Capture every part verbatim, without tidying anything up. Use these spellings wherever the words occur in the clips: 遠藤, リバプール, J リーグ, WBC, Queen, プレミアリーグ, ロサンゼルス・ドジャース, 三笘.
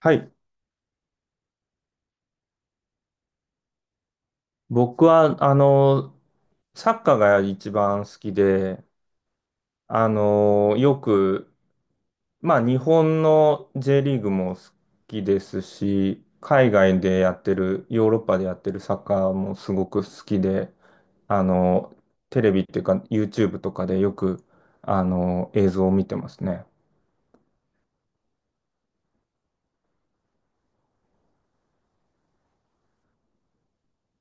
はい。僕は、あの、サッカーが一番好きで、あの、よく、まあ、日本の J リーグも好きですし、海外でやってる、ヨーロッパでやってるサッカーもすごく好きで、あの、テレビっていうか、YouTube とかでよく、あの、映像を見てますね。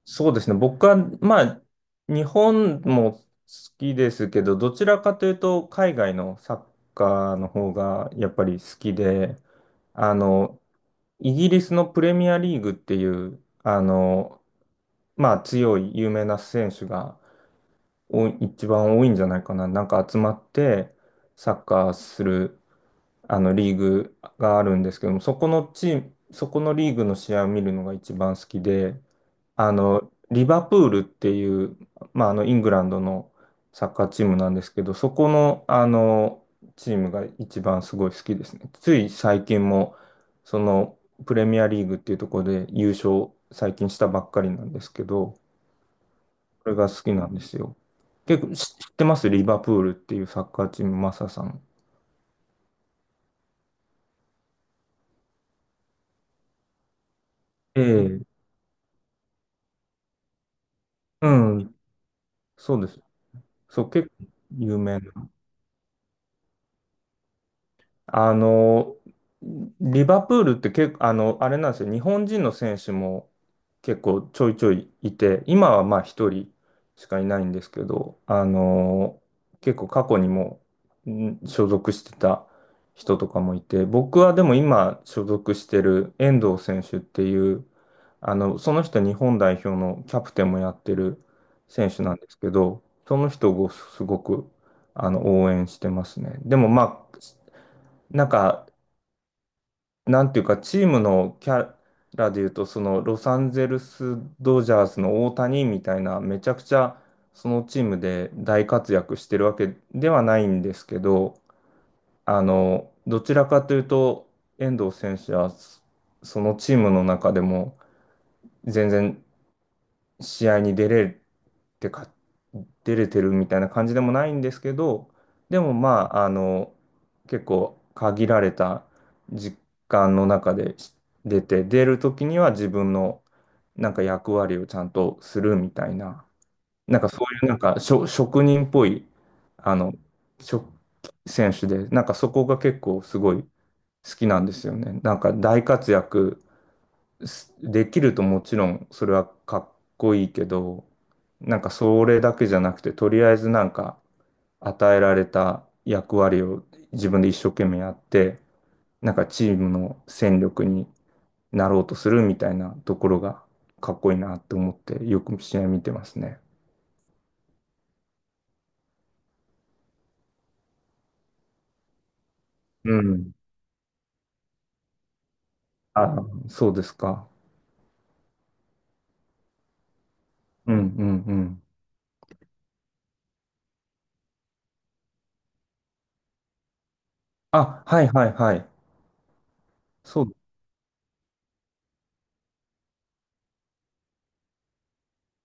そうですね。僕は、まあ、日本も好きですけど、どちらかというと、海外のサッカーの方がやっぱり好きで、あの、イギリスのプレミアリーグっていう、あの、まあ、強い有名な選手が多い一番多いんじゃないかな。なんか集まってサッカーするあのリーグがあるんですけども、そこのチーム、そこのリーグの試合を見るのが一番好きで、あの、リバプールっていう、まあ、あの、イングランドのサッカーチームなんですけど、そこの、あの、チームが一番すごい好きですね。つい最近も、その、プレミアリーグっていうところで優勝最近したばっかりなんですけど、これが好きなんですよ。結構し知ってますリバプールっていうサッカーチーム、マサさん。ええ、うん、そうです。そう、結構有名あの、リバプールって結構、あの、あれなんですよ。日本人の選手も結構ちょいちょいいて、今はまあ一人しかいないんですけど、あの、結構過去にもん所属してた人とかもいて、僕はでも今所属してる遠藤選手っていう、あの、その人日本代表のキャプテンもやってる選手なんですけど、その人をすごくあの応援してますね。でもまあなんか、なんていうか、チームのキャラでいうと、そのロサンゼルス・ドジャースの大谷みたいな、めちゃくちゃそのチームで大活躍してるわけではないんですけど、あの、どちらかというと、遠藤選手はそそのチームの中でも全然試合に出れてか出れてるみたいな感じでもないんですけど、でもまあ、あの、結構限られた時間の中でし出て、出る時には自分のなんか役割をちゃんとするみたいな、なんかそういうなんかしょ職人っぽい、あの、職選手で、なんかそこが結構すごい好きなんですよね。なんか大活躍すできるともちろんそれはかっこいいけど、なんかそれだけじゃなくて、とりあえずなんか与えられた役割を自分で一生懸命やって、なんかチームの戦力になろうとするみたいなところがかっこいいなって思ってよく試合見てますね。うん。あ、そうですか。うんうんうん。あ、はいはいはい。そう。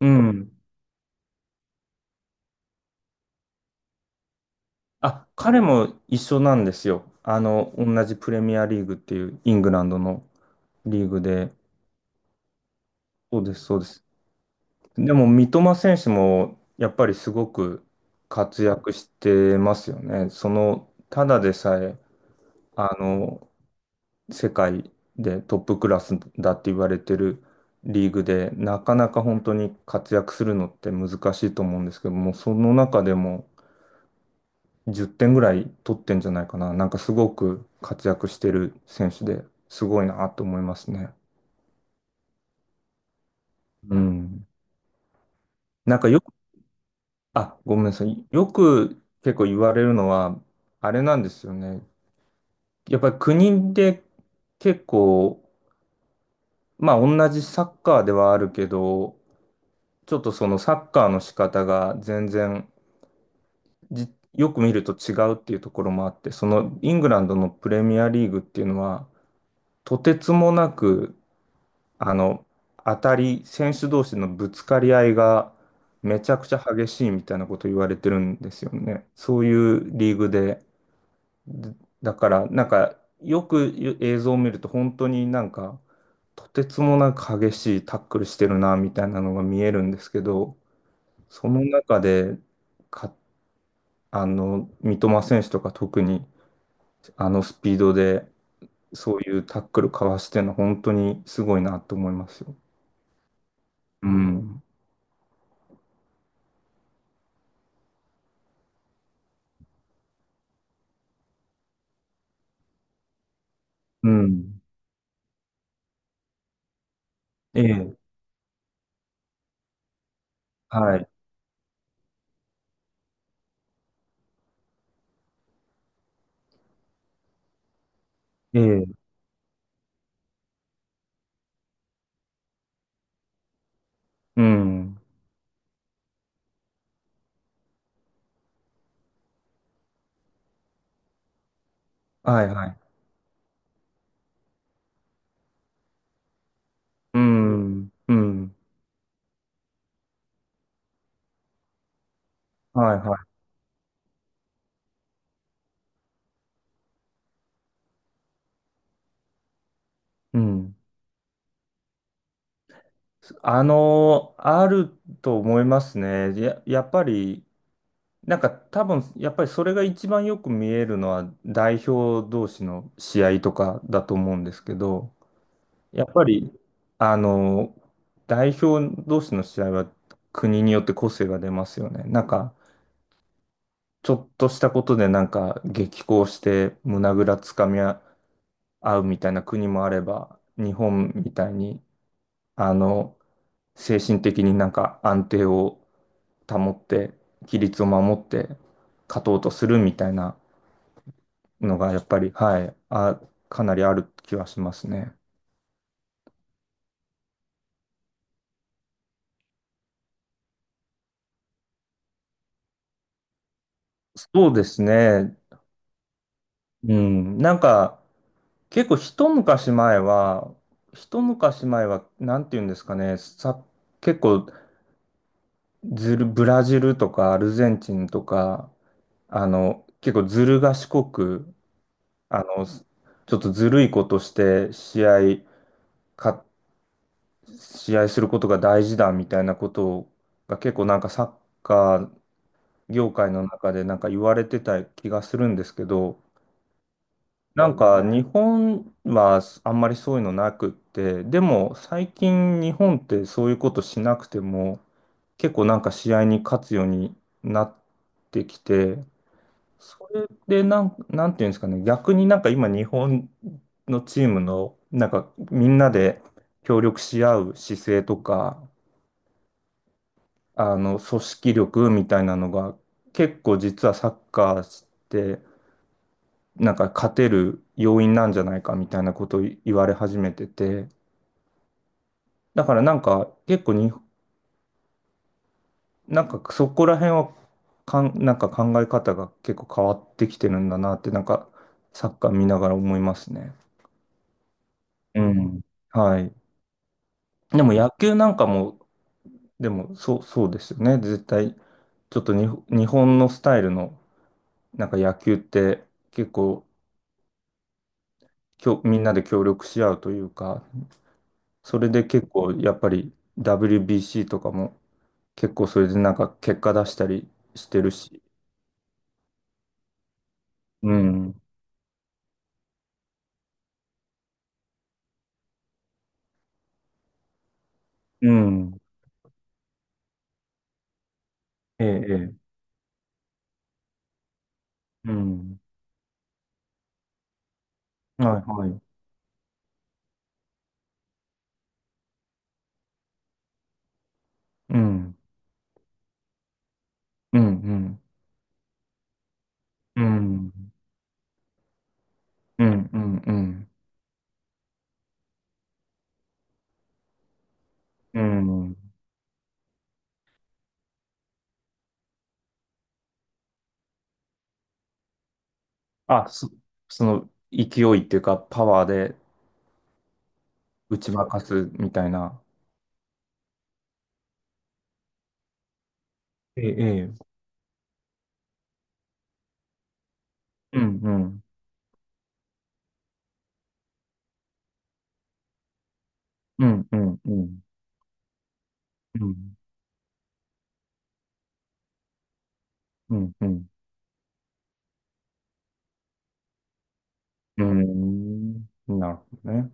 うん。あ、彼も一緒なんですよ。あの、同じプレミアリーグっていうイングランドのリーグで。そうです、そうです。でも、三笘選手もやっぱりすごく活躍してますよね。その、ただでさえ、あの、世界でトップクラスだって言われてるリーグで、なかなか本当に活躍するのって難しいと思うんですけども、その中でもじってんぐらい取ってんじゃないかな。なんかすごく活躍してる選手ですごいなと思いますね。うん。なんかよく、あ、ごめんなさい。よく結構言われるのは、あれなんですよね。やっぱり国で結構、まあ同じサッカーではあるけど、ちょっとそのサッカーの仕方が全然じよく見ると違うっていうところもあって、そのイングランドのプレミアリーグっていうのは、とてつもなくあの、当たり、選手同士のぶつかり合いがめちゃくちゃ激しいみたいなこと言われてるんですよね。そういうリーグで。でだから、なんか、よくゆ映像を見ると、本当になんか、とてつもなく激しいタックルしてるな、みたいなのが見えるんですけど、その中で、か、あの、三笘選手とか特に、あのスピードで、そういうタックルかわしてるの、本当にすごいなと思いますよ。うん。うん。ええ、はい、ええ、うん、はい、はい、うん、うん、はい、はい。うん。あの、あると思いますね。や、やっぱり、なんか多分、やっぱりそれが一番よく見えるのは代表同士の試合とかだと思うんですけど、やっぱり、あの、代表同士の試合は国によって個性が出ますよね。なんか、ちょっとしたことでなんか激高して胸ぐらつかみ合合うみたいな国もあれば、日本みたいに、あの、精神的になんか安定を保って、規律を守って勝とうとするみたいなのが、やっぱり、はい、あ、かなりある気はしますね。そうですね。うん。なんか、結構一昔前は、一昔前は、なんていうんですかね、さ、結構ずる、ブラジルとかアルゼンチンとか、あの、結構ずる賢く、あの、ちょっとずるいことして試合、か、試合することが大事だみたいなことが結構なんかサッカー業界の中でなんか言われてた気がするんですけど、なんか日本はあんまりそういうのなくって、でも最近日本ってそういうことしなくても結構なんか試合に勝つようになってきて、それでなん、なんていうんですかね、逆になんか今、日本のチームの、なんかみんなで協力し合う姿勢とか、あの組織力みたいなのが、結構実はサッカーして、なんか勝てる要因なんじゃないかみたいなことを言われ始めてて、だからなんか結構に、なんかそこら辺はかん、なんか考え方が結構変わってきてるんだなって、なんかサッカー見ながら思いますね。うん。はい。でも野球なんかも、でもそう、そうですよね。絶対、ちょっとに日本のスタイルのなんか野球って結構きょ、みんなで協力し合うというか、それで結構やっぱり ダブリュービーシー とかも結構それでなんか結果出したりしてるし。うん。うん。ええ、ええ。うん。はい、はい。うん。うん、うん。うん。うん、うん、うん。うん。あ、そ、その勢いっていうかパワーで、打ち負かすみたいな。ええ、ええ。うんうん。うんうんうん。うんうんうん。うん。なるほどね。